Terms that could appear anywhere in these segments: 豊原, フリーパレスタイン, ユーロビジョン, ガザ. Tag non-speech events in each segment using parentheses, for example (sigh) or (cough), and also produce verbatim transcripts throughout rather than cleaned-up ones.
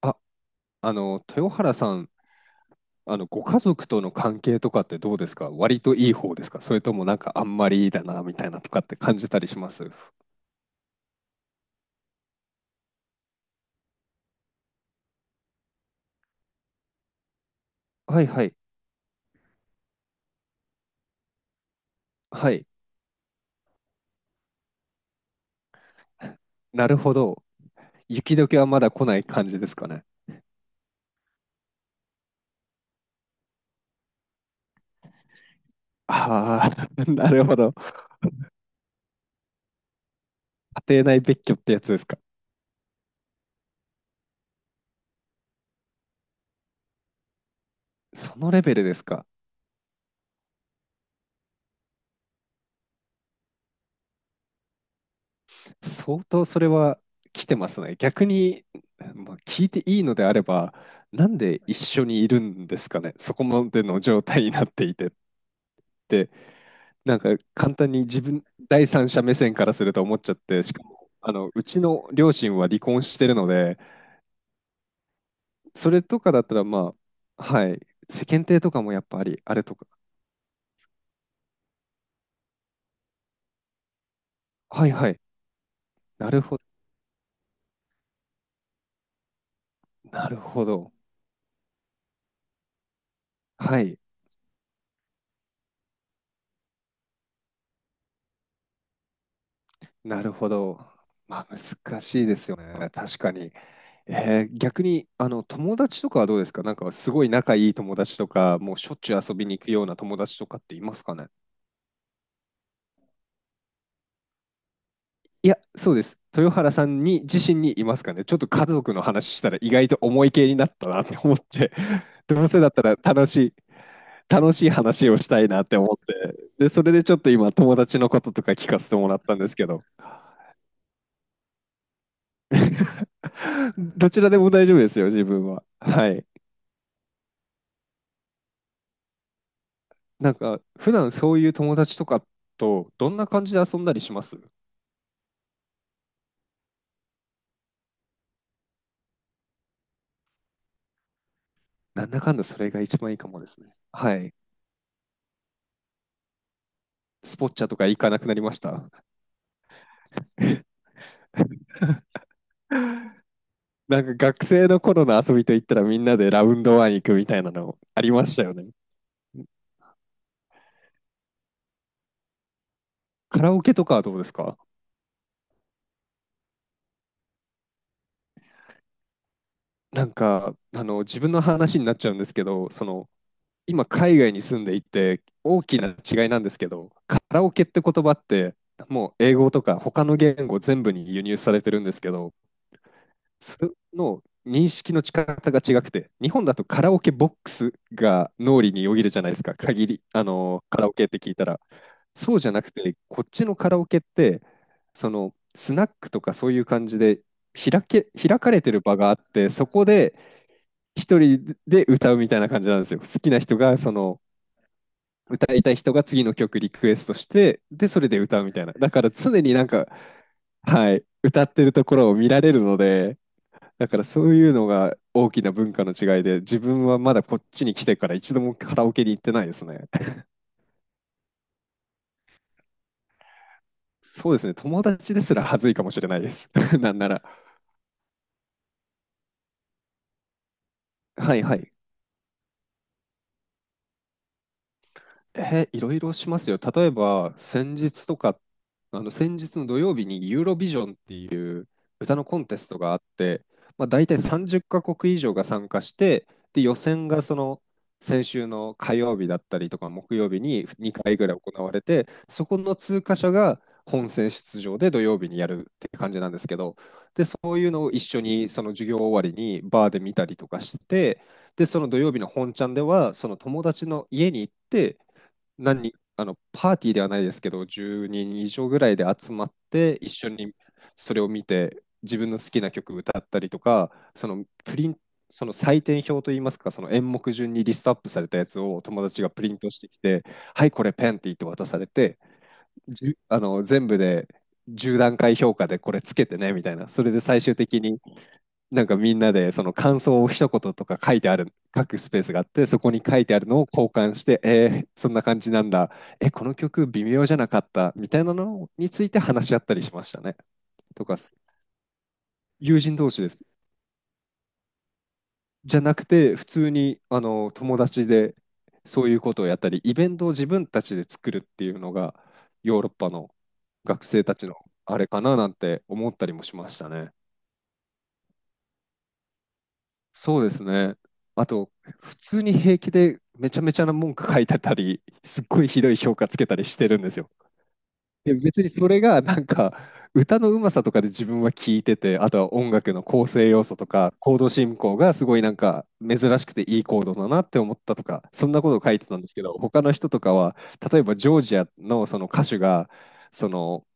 あ、あの、豊原さん、あの、ご家族との関係とかってどうですか？割といい方ですか？それともなんかあんまりいいだな、みたいなとかって感じたりしますはいはい。はい。なるほど。雪解けはまだ来ない感じですかね？ああ、(laughs) なるほど。家庭内別居ってやつですか？そのレベルですか？相当それは来てますね。逆に、まあ、聞いていいのであれば、なんで一緒にいるんですかね？そこまでの状態になっていてって。なんか簡単に自分、第三者目線からすると思っちゃって、しかも、あの、うちの両親は離婚してるので、それとかだったら、まあ、はい、世間体とかもやっぱり、あれとか、はいはい、なるほど、なるほど、はい、なるほど。まあ、難しいですよね、確かに。えー逆に、あの、友達とかはどうですか？なんか、すごい仲いい友達とか、もうしょっちゅう遊びに行くような友達とかっていますかね？いや、そうです。豊原さんに自身にいますかね？ちょっと家族の話したら意外と重い系になったなって思って、(laughs) どうせだったら楽しい、楽しい話をしたいなって思って、で、それでちょっと今友達のこととか聞かせてもらったんですけど、(laughs) どちらでも大丈夫ですよ、自分は。はい。なんか、普段そういう友達とかとどんな感じで遊んだりしますなんだかんだそれが一番いいかもですね。はい。スポッチャとか行かなくなりました。(laughs) なんか学生の頃の遊びといったらみんなでラウンドワン行くみたいなのありましたよね。カラオケとかはどうですか？なんか、あの、自分の話になっちゃうんですけど、その、今海外に住んでいて大きな違いなんですけど、カラオケって言葉ってもう英語とか他の言語全部に輸入されてるんですけど、それの認識の仕方が違くて、日本だとカラオケボックスが脳裏によぎるじゃないですか、限り、あのカラオケって聞いたら。そうじゃなくて、こっちのカラオケって、そのスナックとかそういう感じで開け、開かれてる場があって、そこで一人で歌うみたいな感じなんですよ。好きな人がその歌いたい人が次の曲リクエストして、で、それで歌うみたいな。だから常になんか、はい、歌ってるところを見られるので、だからそういうのが大きな文化の違いで、自分はまだこっちに来てから一度もカラオケに行ってないですね。(laughs) そうですね、友達ですら恥ずいかもしれないです。(laughs) なんなら。はいはい。えいろいろしますよ。例えば、先日とか、あの先日の土曜日にユーロビジョンっていう歌のコンテストがあって、まあ、大体さんじゅうカ国以上が参加して、で予選がその先週の火曜日だったりとか木曜日ににかいぐらい行われて、そこの通過者が本戦出場で土曜日にやるって感じなんですけど、で、そういうのを一緒にその授業終わりにバーで見たりとかして、で、その土曜日の本ちゃんでは、その友達の家に行って、何人、あの、パーティーではないですけど、いち ふたり以上ぐらいで集まって、一緒にそれを見て、自分の好きな曲歌ったりとか、そのプリン、その採点表といいますか、その演目順にリストアップされたやつを友達がプリントしてきて、はい、これペンって言って渡されて、じゅあの、全部でじゅう段階評価でこれつけてね、みたいな。それで最終的になんかみんなでその感想を一言とか書いてある、書くスペースがあって、そこに書いてあるのを交換して、えーそんな感じなんだ、え、この曲微妙じゃなかったみたいなのについて話し合ったりしましたね。とか、友人同士です。じゃなくて、普通にあの友達でそういうことをやったり、イベントを自分たちで作るっていうのが、ヨーロッパの学生たちのあれかななんて思ったりもしましたね。そうですね。あと、普通に平気でめちゃめちゃな文句書いてたり、すっごいひどい評価つけたりしてるんですよ。で、別にそれがなんか、歌のうまさとかで自分は聞いてて、あとは音楽の構成要素とか、コード進行がすごいなんか珍しくていいコードだなって思ったとか、そんなことを書いてたんですけど、他の人とかは、例えばジョージアのその歌手が、その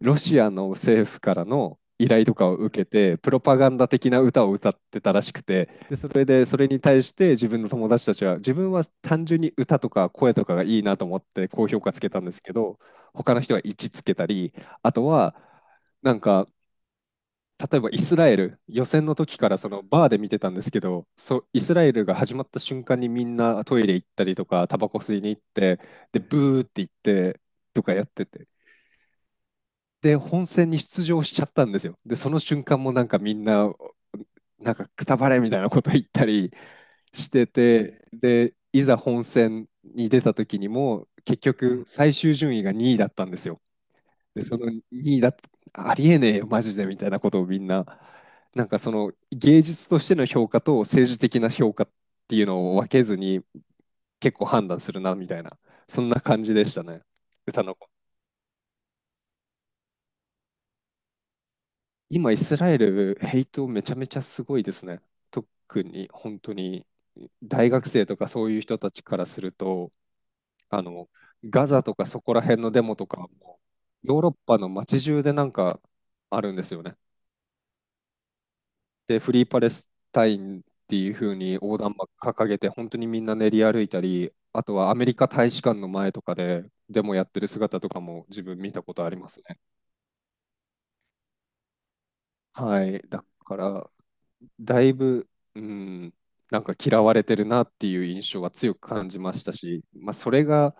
ロシアの政府からの依頼とかを受けて、プロパガンダ的な歌を歌ってたらしくて、で、それで、それに対して自分の友達たちは、自分は単純に歌とか声とかがいいなと思って高評価つけたんですけど、他の人はいちけたり、あとは、なんか、例えばイスラエル、予選の時からそのバーで見てたんですけど、そうイスラエルが始まった瞬間にみんなトイレ行ったりとか、タバコ吸いに行って、で、ブーって言ってとかやってて、で、本戦に出場しちゃったんですよ。で、その瞬間もなんかみんな、なんかくたばれみたいなこと言ったりしてて、で、いざ本戦に出た時にも、結局最終順位がにいだったんですよ。で、そのにいだ、ありえねえよ、マジでみたいなことをみんな、なんかその芸術としての評価と政治的な評価っていうのを分けずに結構判断するなみたいな、そんな感じでしたね、歌の今、イスラエル、ヘイトめちゃめちゃすごいですね。特に、本当に、大学生とかそういう人たちからすると、あの、ガザとかそこら辺のデモとか、もうヨーロッパの街中でなんかあるんですよね。で、フリーパレスタインっていう風に横断幕掲げて、本当にみんな練り歩いたり、あとはアメリカ大使館の前とかでデモやってる姿とかも自分見たことありますね。はい。だから、だいぶ、うん、なんか嫌われてるなっていう印象は強く感じましたし、まあ、それが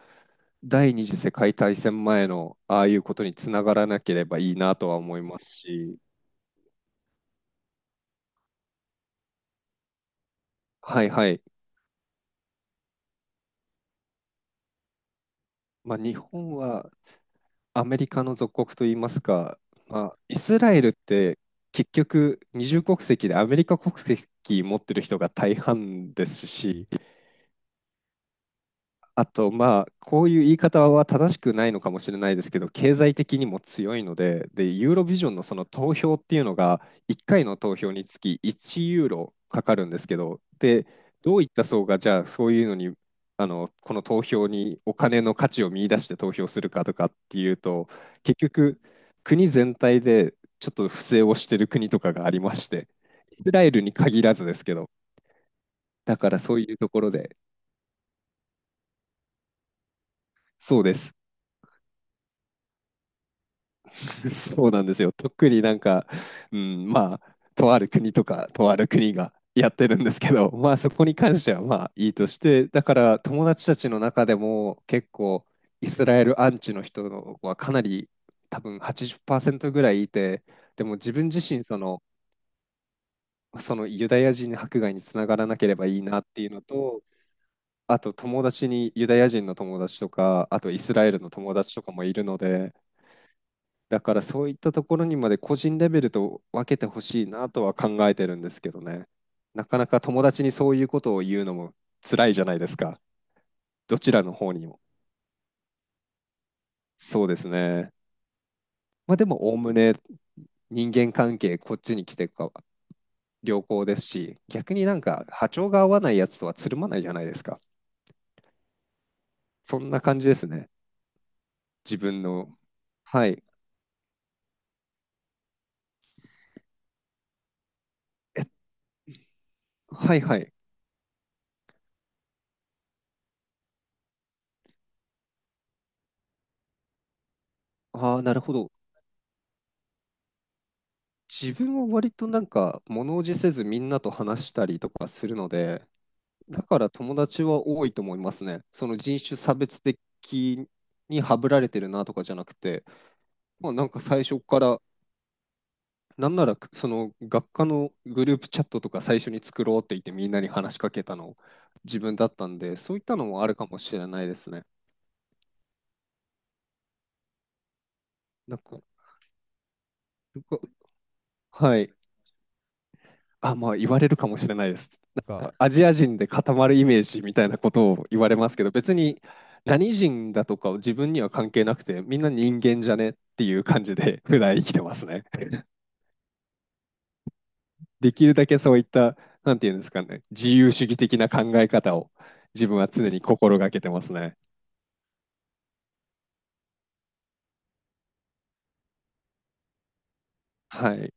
第二次世界大戦前のああいうことにつながらなければいいなとは思いますし、はいはい、まあ、日本はアメリカの属国といいますか、まあ、イスラエルって結局二重国籍でアメリカ国籍持ってる人が大半ですし、あと、まあ、こういう言い方は正しくないのかもしれないですけど、経済的にも強いので、で、ユーロビジョンのその投票っていうのが、いっかいの投票につきいちユーロかかるんですけど、で、どういった層が、じゃあ、そういうのに、あの、この投票にお金の価値を見出して投票するかとかっていうと、結局、国全体でちょっと不正をしてる国とかがありまして、イスラエルに限らずですけど、だからそういうところで、そうです。(laughs) そうなんですよ。特になんか、うん、まあ、とある国とか、とある国がやってるんですけど、まあそこに関してはまあいいとして、だから友達たちの中でも結構イスラエルアンチの人のはかなり多分はちじゅっパーセントぐらいいて、でも自分自身その、そのユダヤ人迫害につながらなければいいなっていうのと、あと友達にユダヤ人の友達とか、あとイスラエルの友達とかもいるので、だからそういったところにまで個人レベルと分けてほしいなとは考えてるんですけどね。なかなか友達にそういうことを言うのも辛いじゃないですか。どちらの方にも。そうですね。まあでもおおむね人間関係こっちに来てか良好ですし、逆になんか波長が合わないやつとはつるまないじゃないですか。そんな感じですね。自分の。はい。はいはい。ああ、なるほど。自分は割となんか物おじせずみんなと話したりとかするので、だから友達は多いと思いますね。その人種差別的にハブられてるなとかじゃなくて、まあ、なんか最初からなんならその学科のグループチャットとか最初に作ろうって言ってみんなに話しかけたの自分だったんで、そういったのもあるかもしれないですね。なんか、はい。あ、まあ言われるかもしれないです。なんが、かアジア人で固まるイメージみたいなことを言われますけど、別に何人だとか自分には関係なくて、みんな人間じゃねっていう感じで (laughs) 普段生きてますね。できるだけそういった、なんていうんですかね、自由主義的な考え方を自分は常に心がけてますね。はい。